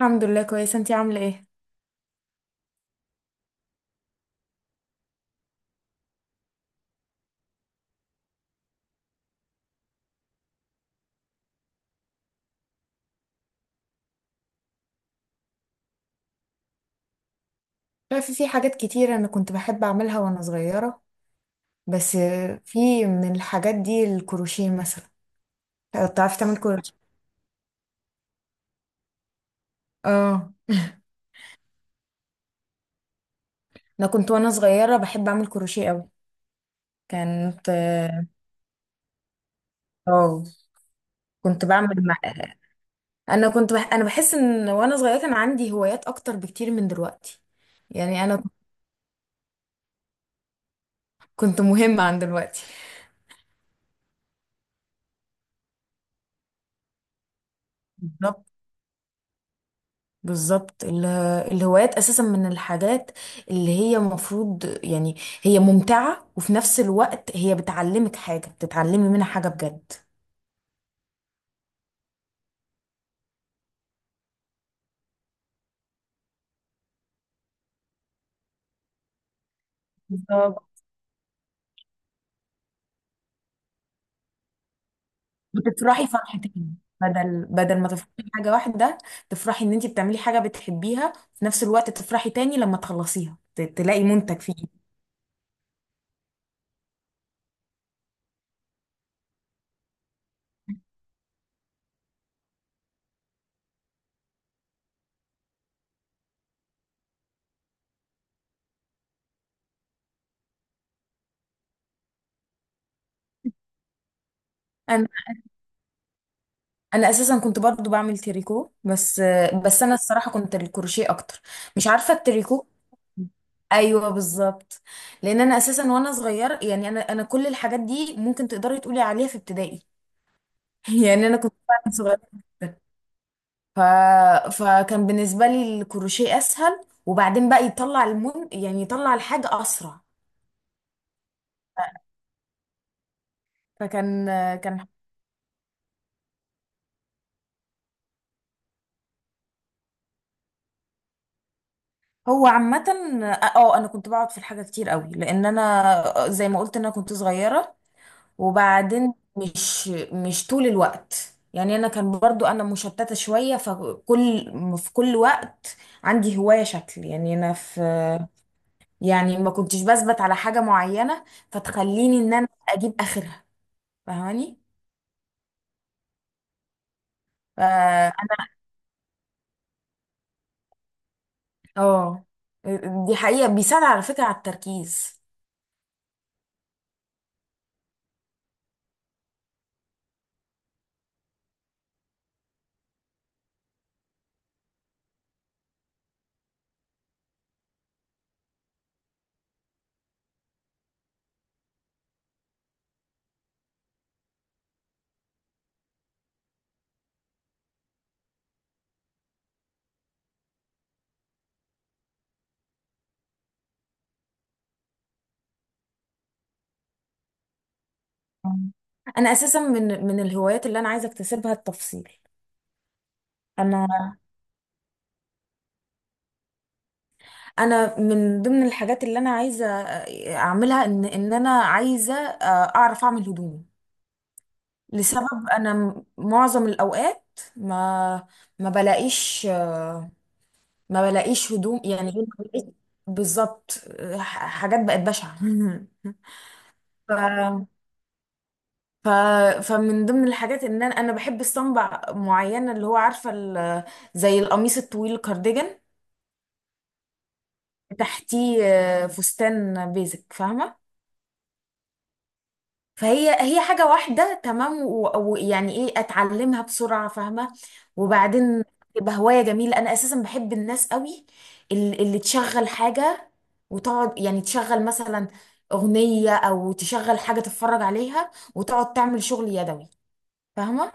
الحمد لله كويسة، انتي عاملة ايه؟ عارفة في حاجات كتير انا كنت بحب اعملها وانا صغيرة. بس في من الحاجات دي الكروشيه مثلا. بتعرفي تعمل كروشيه؟ اه، انا كنت وانا صغيرة بحب اعمل كروشيه قوي. كانت، اه، كنت بعمل مع... انا كنت بح... انا بحس ان وانا صغيرة كان عندي هوايات اكتر بكتير من دلوقتي. يعني انا كنت مهمة عن دلوقتي. بالظبط. بالظبط ال- الهوايات اساسا من الحاجات اللي هي المفروض، يعني هي ممتعة وفي نفس الوقت هي بتعلمك حاجة، بتتعلمي منها حاجة بجد. بالظبط، بتفرحي فرحتين، بدل ما تفرحي بحاجة واحدة. تفرحي ان انتي بتعملي حاجة بتحبيها، في نفس الوقت تفرحي تاني لما تخلصيها تلاقي منتج فيه. انا اساسا كنت برضو بعمل تريكو، بس بس انا الصراحه كنت الكروشيه اكتر. مش عارفه التريكو. ايوه بالظبط. لان انا اساسا وانا صغير، يعني انا كل الحاجات دي ممكن تقدري تقولي عليها في ابتدائي. يعني انا كنت فعلا صغيره جدا. ف... فكان بالنسبه لي الكروشيه اسهل، وبعدين بقى يطلع المن، يعني يطلع الحاجه اسرع. فكان، كان هو عامة، اه، انا كنت بقعد في الحاجة كتير قوي لان انا زي ما قلت انا كنت صغيرة. وبعدين مش طول الوقت، يعني انا كان برضو انا مشتتة شوية. فكل، في كل وقت عندي هواية شكل، يعني انا في، يعني ما كنتش بثبت على حاجة معينة فتخليني ان انا اجيب اخرها. فاهماني. فانا، اه، دي حقيقة بيساعد على فكرة على التركيز. انا اساسا من الهوايات اللي انا عايزة اكتسبها التفصيل. انا، انا من ضمن الحاجات اللي انا عايزه اعملها ان انا عايزه، اعرف اعمل هدومي. لسبب انا معظم الاوقات ما، ما بلاقيش، ما بلاقيش هدوم، يعني ما بلاقيش. بالظبط. حاجات بقت بشعه. ف ف فمن ضمن الحاجات ان انا بحب الصنبع معينه، اللي هو عارفه زي القميص الطويل الكارديجان تحتيه، فستان بيزك، فاهمه. فهي حاجة واحدة تمام ويعني ايه، اتعلمها بسرعة، فاهمة. وبعدين تبقى هواية جميلة. انا اساسا بحب الناس قوي اللي تشغل حاجة وتقعد، يعني تشغل مثلا اغنية او تشغل حاجة تتفرج عليها وتقعد تعمل شغل يدوي. فاهمة.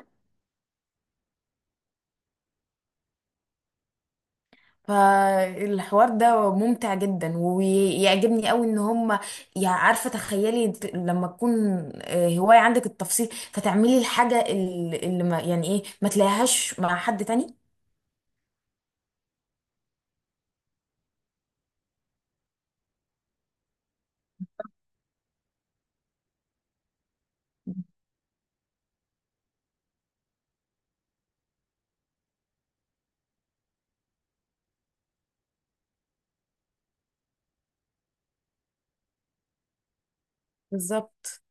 فالحوار ده ممتع جدا ويعجبني قوي ان هم، يعني عارفه تخيلي انت لما تكون، هوايه عندك التفصيل فتعملي الحاجه اللي ما، يعني ايه، ما تلاقيهاش مع حد تاني. بالظبط.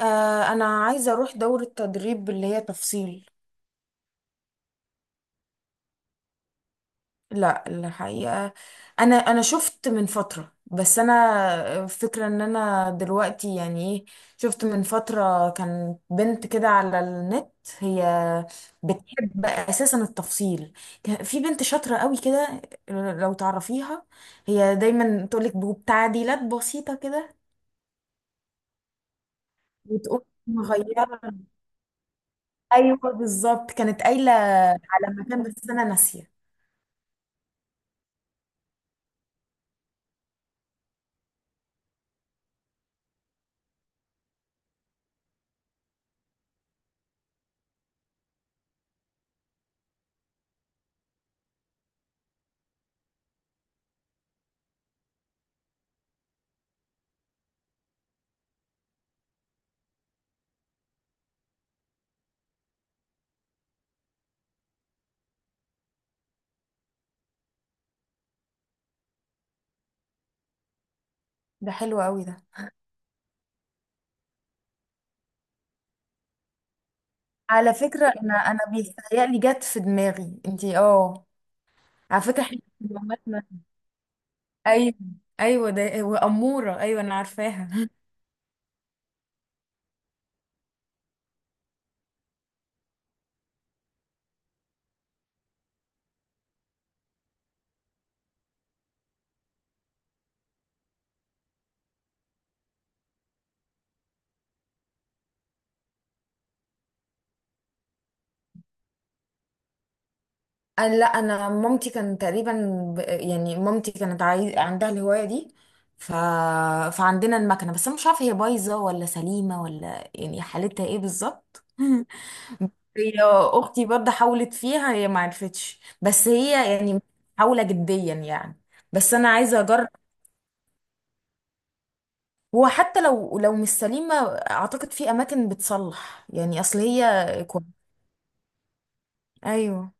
انا عايزه اروح دوره تدريب اللي هي تفصيل. لا، الحقيقة انا، انا شفت من فترة، بس انا فكرة ان انا دلوقتي، يعني ايه، شفت من فترة كان بنت كده على النت، هي بتحب اساسا التفصيل. كان في بنت شاطرة قوي كده، لو تعرفيها، هي دايما تقولك بتعديلات بسيطة كده وتقوم مغيرة. ايوه بالظبط، كانت قايلة على مكان بس انا ناسية. ده حلو قوي ده. على فكرة انا، انا بيتهيألي جت في دماغي انتي، اه، على فكرة احنا مامتنا. ايوه، ايوه ده واموره، ايوه انا عارفاها. أنا لا، انا مامتي كان تقريبا، يعني مامتي كانت عايز عندها الهوايه دي. ف... فعندنا المكنه، بس انا مش عارفه هي بايظه ولا سليمه، ولا يعني حالتها ايه بالظبط. هي اختي برضه حاولت فيها، هي ما عرفتش، بس هي يعني محاوله جديا يعني. بس انا عايزه اجرب. هو حتى لو، لو مش سليمة، اعتقد في اماكن بتصلح، يعني اصل هي كويس. ايوه.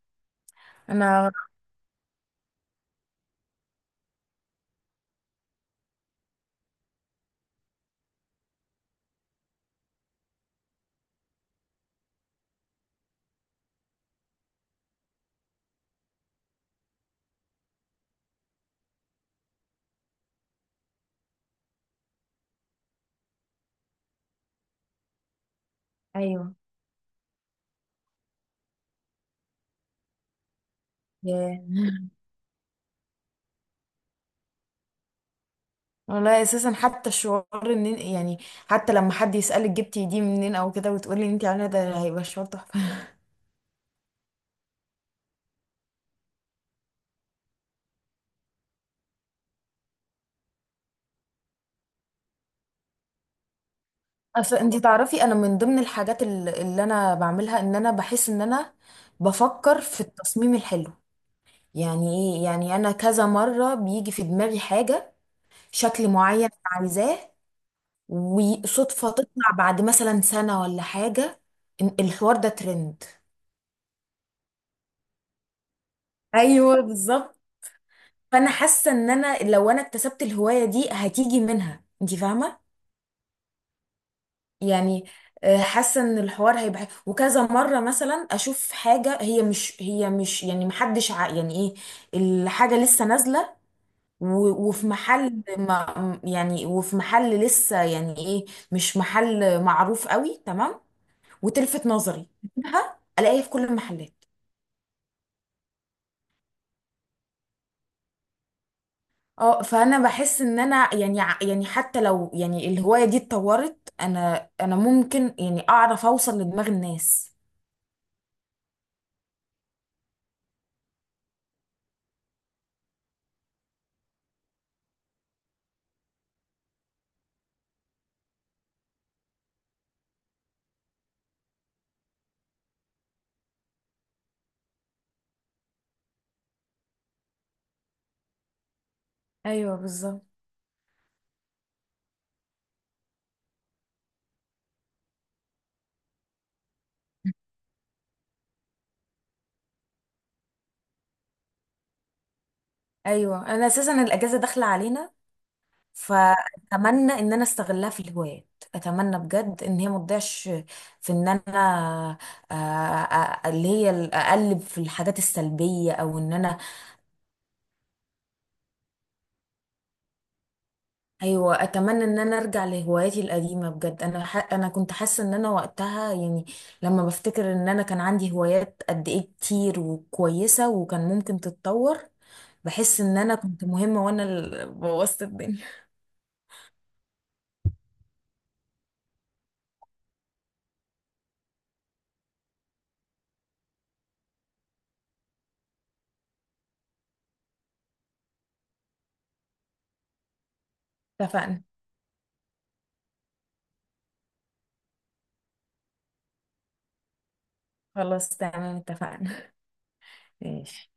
انا، ايوه. ياه. والله اساسا حتى الشعور، ان يعني حتى لما حد يسألك جبتي دي منين او كده وتقولي انت عامله ده، هيبقى شعور تحفه. اصل انت تعرفي انا من ضمن الحاجات اللي انا بعملها ان انا بحس ان انا بفكر في التصميم الحلو، يعني ايه. يعني انا كذا مره بيجي في دماغي حاجه، شكل معين أنا عايزاه، وصدفة تطلع بعد مثلا سنة ولا حاجة، إن الحوار ده ترند. ايوه بالظبط. فانا حاسه ان انا لو انا اكتسبت الهوايه دي هتيجي منها، انت فاهمه. يعني، حاسه ان الحوار هيبقى، وكذا مره مثلا اشوف حاجه، هي مش، هي مش، يعني محدش يعني ايه، الحاجه لسه نازله، و... وفي محل ما، يعني وفي محل لسه، يعني ايه، مش محل معروف قوي، تمام، وتلفت نظري. أجيبها، الاقيها في كل المحلات. اه. فانا بحس ان انا يعني يعني حتى لو يعني الهوايه دي اتطورت، انا، انا ممكن يعني اعرف اوصل لدماغ الناس. ايوه بالظبط. ايوه، انا اساسا الاجازه داخله علينا، فاتمنى ان انا استغلها في الهوايات. اتمنى بجد ان هي ما تضيعش في ان انا، آه، آه، اللي هي اقلب في الحاجات السلبيه، او ان انا، ايوه. اتمنى ان انا ارجع لهواياتي القديمه بجد. انا كنت حاسه ان انا وقتها يعني، لما بفتكر ان انا كان عندي هوايات قد ايه كتير وكويسه وكان ممكن تتطور. بحس ان انا كنت مهمه وانا اللي بوظت الدنيا. اتفقنا. خلاص تمام، اتفقنا. ماشي.